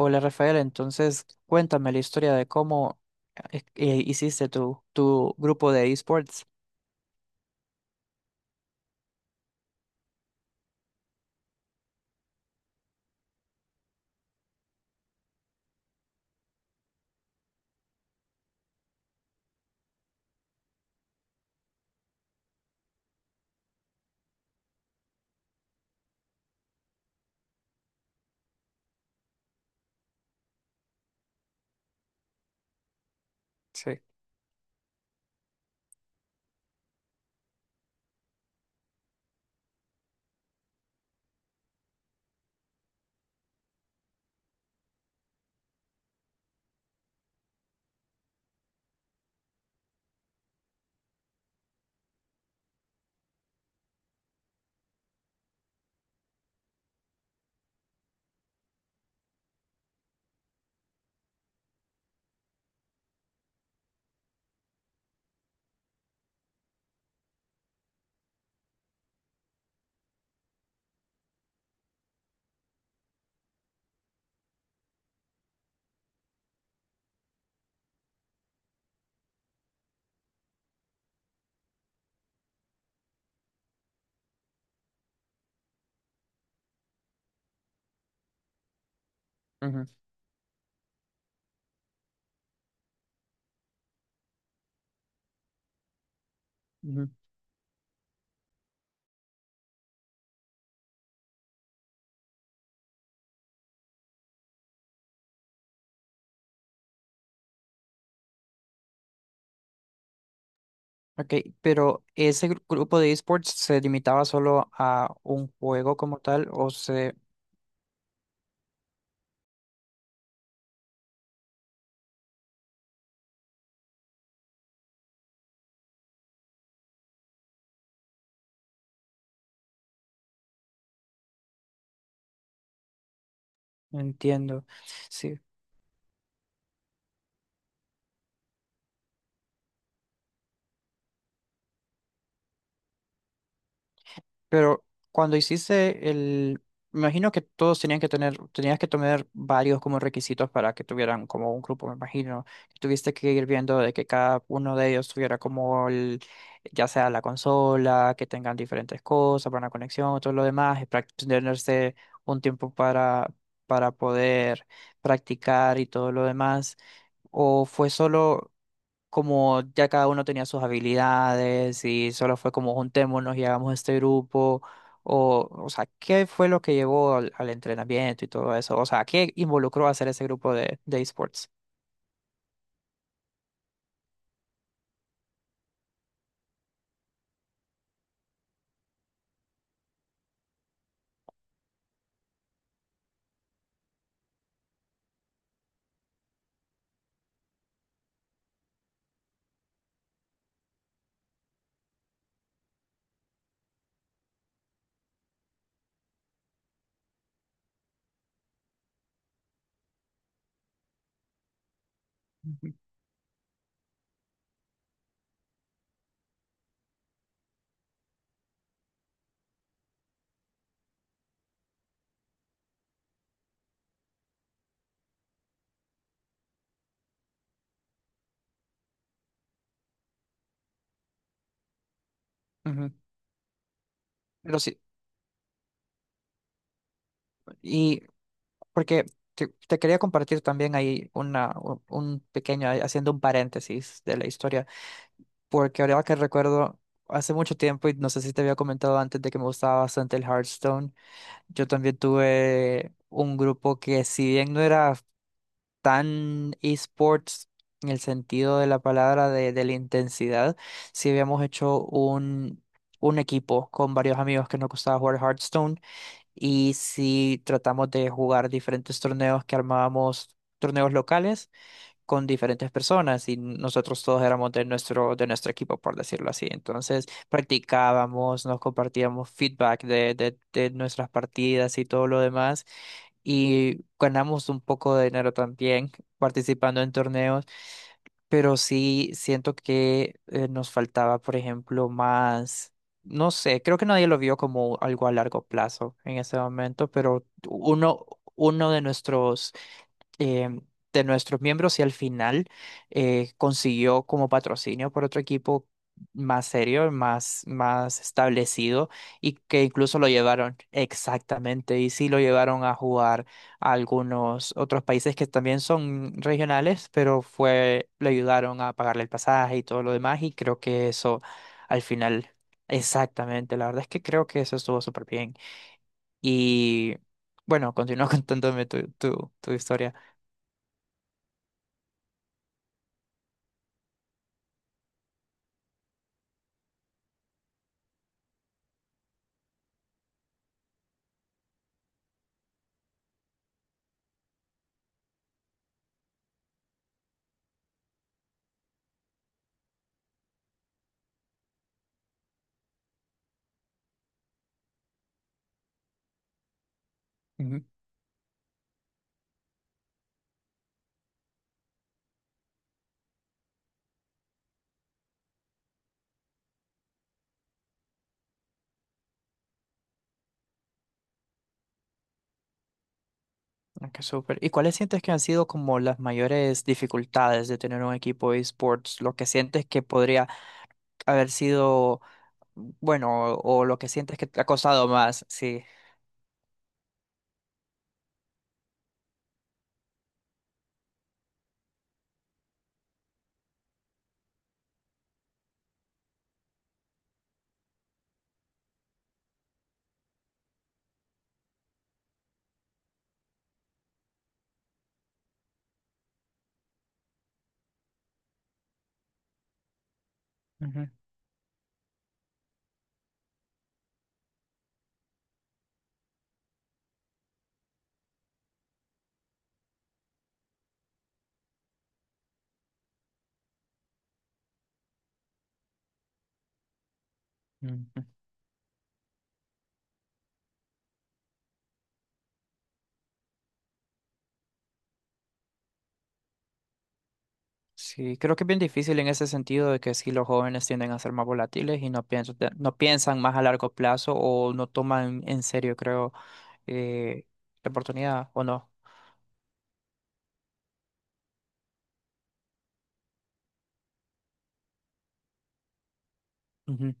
Hola Rafael, entonces cuéntame la historia de cómo hiciste tu grupo de esports. Sí. Ujú, ujú. Ok, pero ¿ese grupo de esports se limitaba solo a un juego como tal o se... Entiendo. Sí. Pero cuando hiciste el, me imagino que todos tenían que tener, tenías que tener varios como requisitos para que tuvieran como un grupo, me imagino. Tuviste que ir viendo de que cada uno de ellos tuviera como el, ya sea la consola, que tengan diferentes cosas para una conexión, todo lo demás, y tenerse un tiempo para poder practicar y todo lo demás. ¿O fue solo? Como ya cada uno tenía sus habilidades y solo fue como juntémonos y hagamos este grupo, o sea, ¿qué fue lo que llevó al entrenamiento y todo eso? O sea, ¿qué involucró hacer ese grupo de esports? Ujú. Pero sí, y porque te quería compartir también ahí una, un pequeño, ahí haciendo un paréntesis de la historia, porque ahora que recuerdo, hace mucho tiempo, y no sé si te había comentado antes de que me gustaba bastante el Hearthstone. Yo también tuve un grupo que si bien no era tan esports en el sentido de la palabra de la intensidad, sí habíamos hecho un equipo con varios amigos que nos gustaba jugar Hearthstone y sí tratamos de jugar diferentes torneos que armábamos, torneos locales con diferentes personas y nosotros todos éramos de nuestro equipo, por decirlo así. Entonces practicábamos, nos compartíamos feedback de nuestras partidas y todo lo demás y ganamos un poco de dinero también participando en torneos, pero sí siento que nos faltaba, por ejemplo, más... No sé, creo que nadie lo vio como algo a largo plazo en ese momento, pero uno eh, de nuestros miembros y al final consiguió como patrocinio por otro equipo más serio, más establecido y que incluso lo llevaron exactamente y sí lo llevaron a jugar a algunos otros países que también son regionales, pero fue, le ayudaron a pagarle el pasaje y todo lo demás y creo que eso al final... Exactamente, la verdad es que creo que eso estuvo súper bien. Y bueno, continúa contándome tu, tu historia. Ah, ¡qué súper! ¿Y cuáles sientes que han sido como las mayores dificultades de tener un equipo de esports? ¿Lo que sientes que podría haber sido bueno o lo que sientes que te ha costado más? Sí. Ujú, ujú. Sí, creo que es bien difícil en ese sentido de que sí los jóvenes tienden a ser más volátiles y no piensan, no piensan más a largo plazo o no toman en serio, creo, eh, la oportunidad o no. Ujú,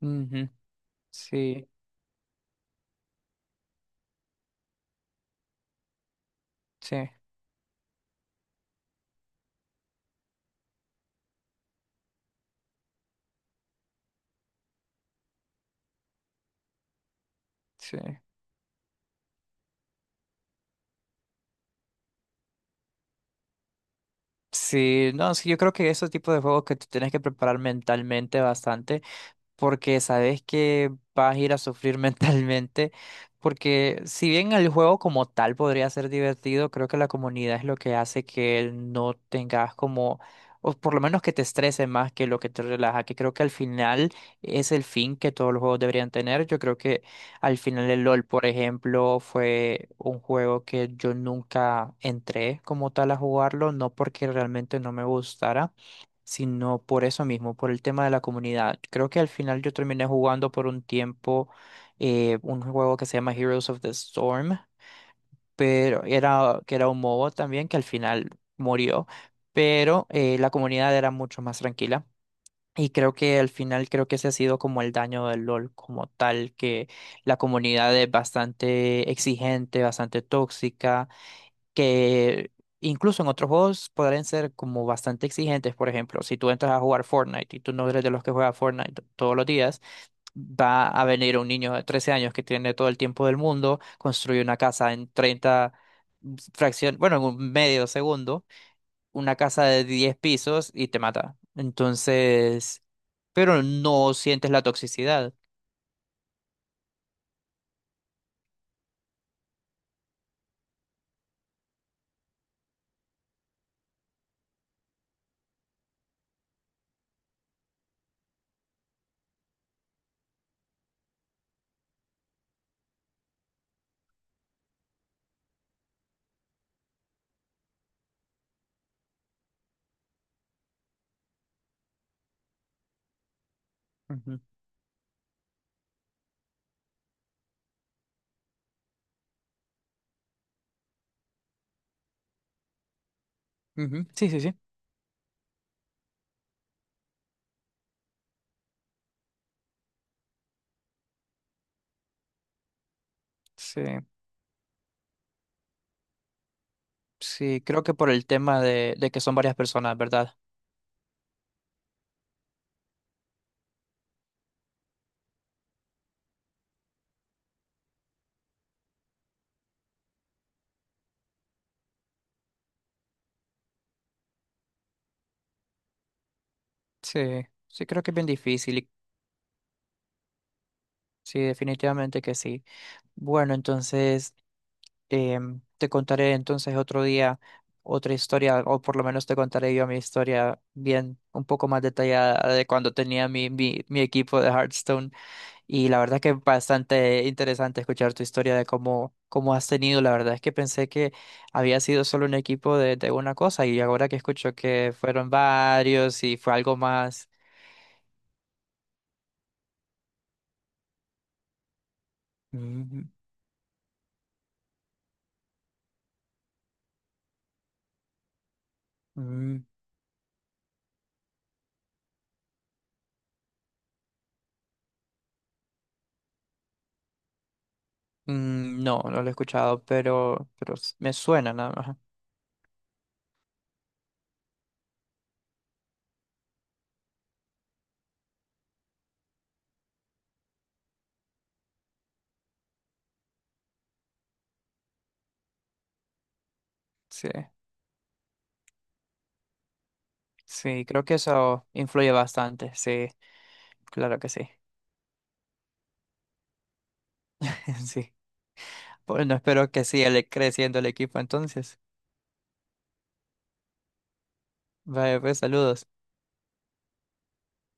ujú. Sí, sí, sí. Sí, no, sí, yo creo que esos tipos de juegos que tú tienes que preparar mentalmente bastante, porque sabes que vas a ir a sufrir mentalmente, porque si bien el juego como tal podría ser divertido, creo que la comunidad es lo que hace que él no tengas como, o por lo menos que te estrese más que lo que te relaja, que creo que al final es el fin que todos los juegos deberían tener. Yo creo que al final el LOL, por ejemplo, fue un juego que yo nunca entré como tal a jugarlo, no porque realmente no me gustara, sino por eso mismo, por el tema de la comunidad. Creo que al final yo terminé jugando por un tiempo un juego que se llama Heroes of the Storm, pero era que era un MOBA también que al final murió, pero la comunidad era mucho más tranquila. Y creo que al final creo que ese ha sido como el daño del LOL como tal, que la comunidad es bastante exigente, bastante tóxica, que incluso en otros juegos podrían ser como bastante exigentes. Por ejemplo, si tú entras a jugar Fortnite y tú no eres de los que juega Fortnite todos los días, va a venir un niño de 13 años que tiene todo el tiempo del mundo, construye una casa en 30 fracción, bueno, en un medio segundo, una casa de 10 pisos y te mata. Entonces, pero no sientes la toxicidad. Ujú, ujú. Sí, sí, sí. Sí, sí, creo que por el tema de que son varias personas, ¿verdad? Sí, sí creo que es bien difícil. Y sí, definitivamente que sí. Bueno, entonces em, te contaré entonces otro día otra historia, o por lo menos te contaré yo mi historia bien, un poco más detallada de cuando tenía mi, mi equipo de Hearthstone. Y la verdad que es bastante interesante escuchar tu historia de cómo, cómo has tenido. La verdad es que pensé que había sido solo un equipo de una cosa y ahora que escucho que fueron varios y fue algo más. Ujú, ujú. Mm, no, no lo he escuchado, pero me suena nada más. Sí, sí, creo que eso influye bastante. Sí, claro que sí. Sí. Bueno, espero que siga creciendo el equipo entonces. Vaya, pues saludos.